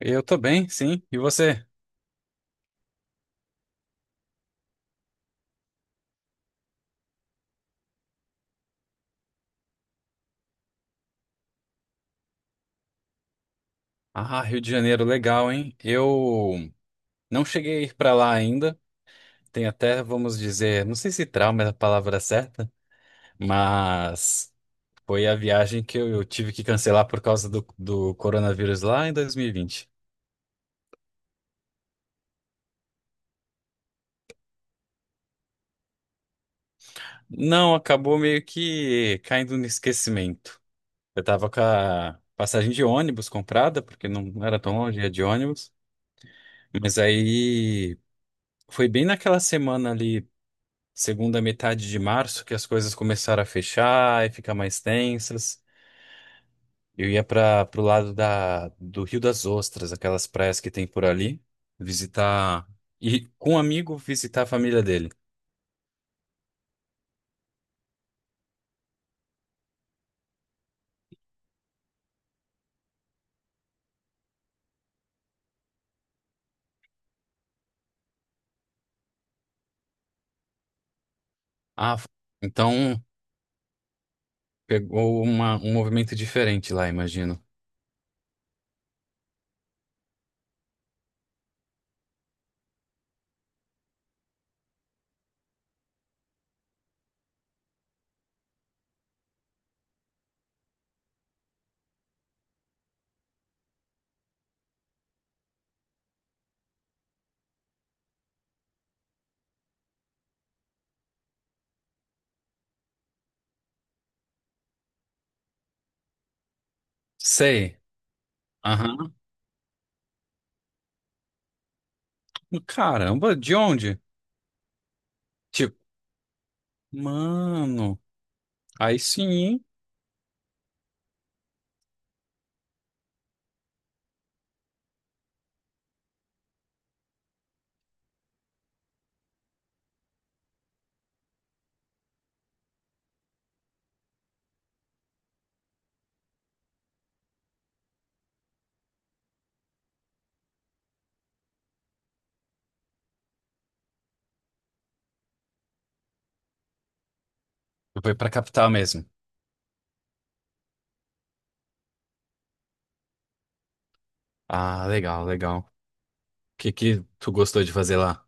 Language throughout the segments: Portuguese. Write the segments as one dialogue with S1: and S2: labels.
S1: Eu tô bem, sim. E você? Ah, Rio de Janeiro, legal, hein? Eu não cheguei a ir pra lá ainda. Tem até, vamos dizer, não sei se trauma é a palavra certa, mas foi a viagem que eu tive que cancelar por causa do coronavírus lá em 2020. Não, acabou meio que caindo no esquecimento. Eu tava com a passagem de ônibus comprada, porque não era tão longe, ia de ônibus. Mas aí foi bem naquela semana ali. Segunda metade de março que as coisas começaram a fechar e ficar mais tensas. Eu ia para pro lado do Rio das Ostras, aquelas praias que tem por ali, visitar e com um amigo visitar a família dele. Ah, f- então pegou um movimento diferente lá, imagino. Sei. Aham. Caramba, de onde? Tipo, mano, aí sim. Eu fui pra capital mesmo. Ah, legal, legal. O que tu gostou de fazer lá?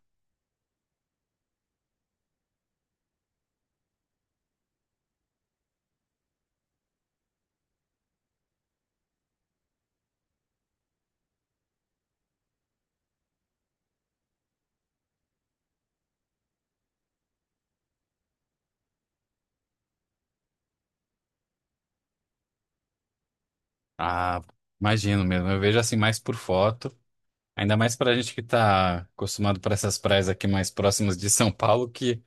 S1: Ah, imagino mesmo. Eu vejo assim mais por foto. Ainda mais pra gente que tá acostumado para essas praias aqui mais próximas de São Paulo, que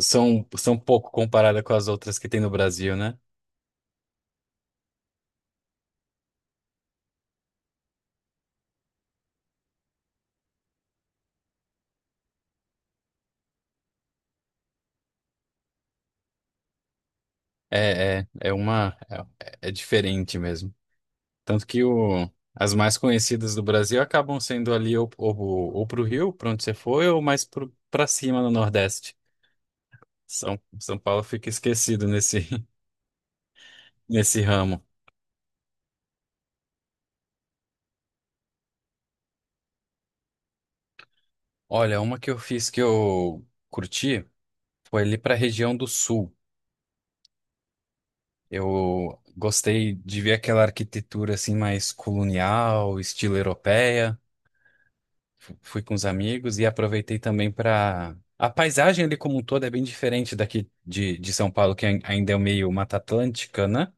S1: são pouco comparadas com as outras que tem no Brasil, né? É, é, é uma. É, é diferente mesmo. Tanto que o, as mais conhecidas do Brasil acabam sendo ali ou pro Rio, pra onde você foi, ou mais pra cima no Nordeste. São Paulo fica esquecido nesse, nesse ramo. Olha, uma que eu fiz que eu curti. Foi ali para a região do sul. Eu gostei de ver aquela arquitetura assim mais colonial, estilo europeia. Fui com os amigos e aproveitei também para a paisagem ali como um todo é bem diferente daqui de São Paulo, que ainda é meio Mata Atlântica, né?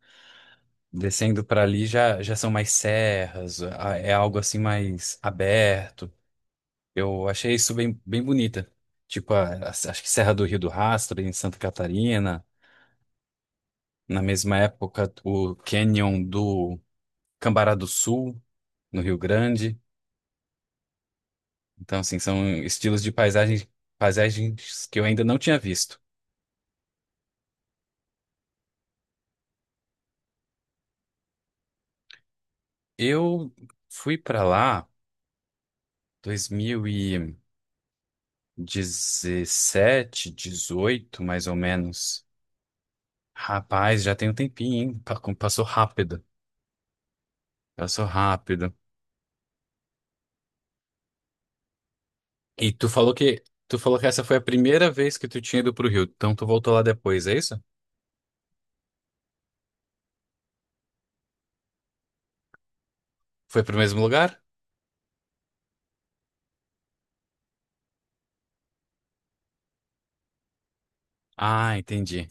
S1: Descendo para ali já são mais serras, é algo assim mais aberto. Eu achei isso bem, bem bonita. Tipo, acho que Serra do Rio do Rastro, em Santa Catarina. Na mesma época, o Canyon do Cambará do Sul, no Rio Grande. Então, assim, são estilos de paisagem paisagens que eu ainda não tinha visto. Eu fui para lá 2017, 18, mais ou menos. Rapaz, já tem um tempinho, hein? Como Passou rápido. Passou rápido. E tu falou que essa foi a primeira vez que tu tinha ido pro Rio. Então tu voltou lá depois, é isso? Foi pro mesmo lugar? Ah, entendi.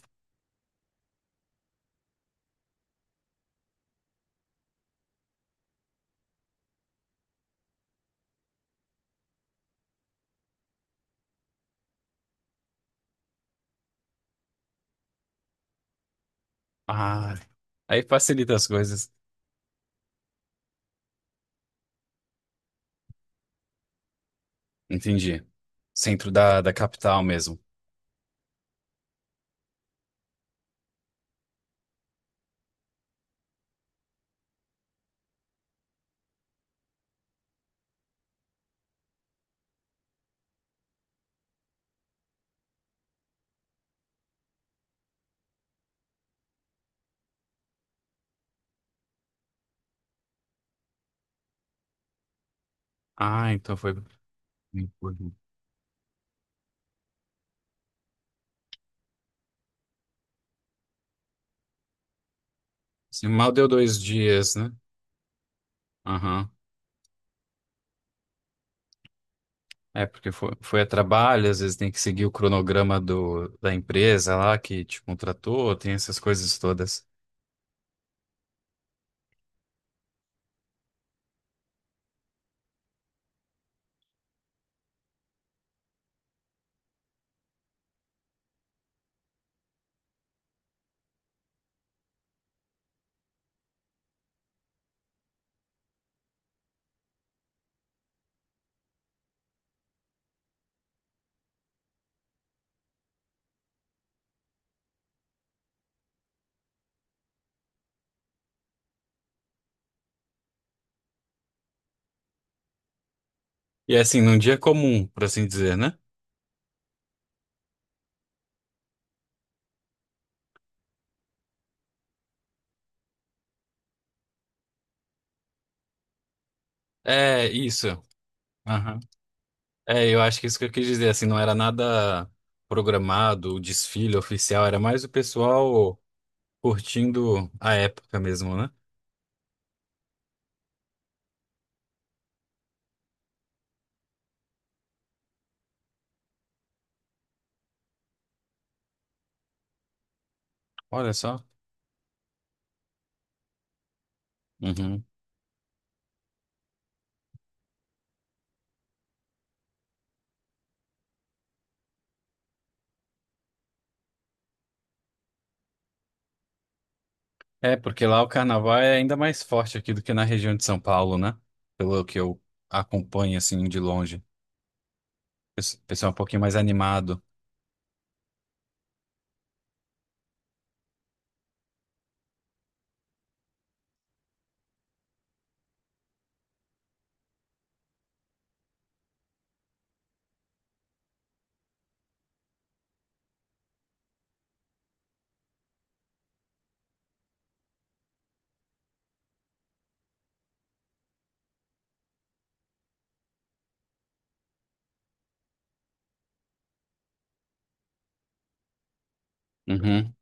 S1: Ah, aí facilita as coisas. Entendi. Centro da capital mesmo. Ah, então foi. Assim, mal deu dois dias, né? Aham. É, porque foi a trabalho, às vezes tem que seguir o cronograma da empresa lá que te contratou, tem essas coisas todas. E é assim, num dia comum, por assim dizer, né? É, isso. Aham. É, eu acho que isso que eu quis dizer, assim, não era nada programado, o desfile oficial, era mais o pessoal. Curtindo a época mesmo, né? Olha só. Uhum. É, porque lá o carnaval é ainda mais forte aqui do que na região de São Paulo, né? Pelo que eu acompanho, assim, de longe. Pessoal é um pouquinho mais animado. Uhum.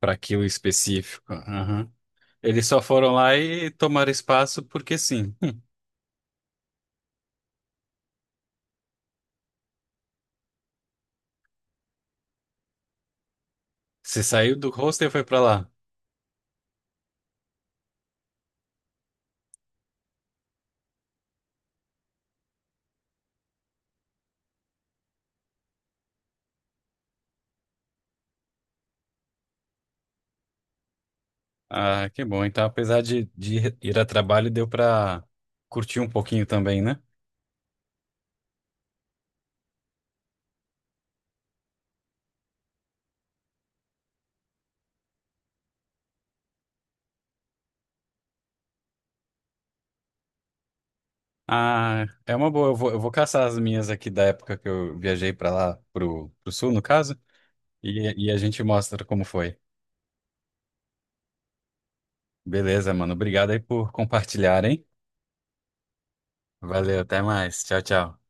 S1: Para aquilo específico. Uhum. Eles só foram lá e tomaram espaço porque sim. Você saiu do hostel e foi pra lá. Ah, que bom. Então, apesar de ir a trabalho, deu pra curtir um pouquinho também, né? Ah, é uma boa. Eu vou caçar as minhas aqui da época que eu viajei pra lá, pro sul, no caso, e a gente mostra como foi. Beleza, mano. Obrigado aí por compartilhar, hein? Valeu, até mais. Tchau, tchau.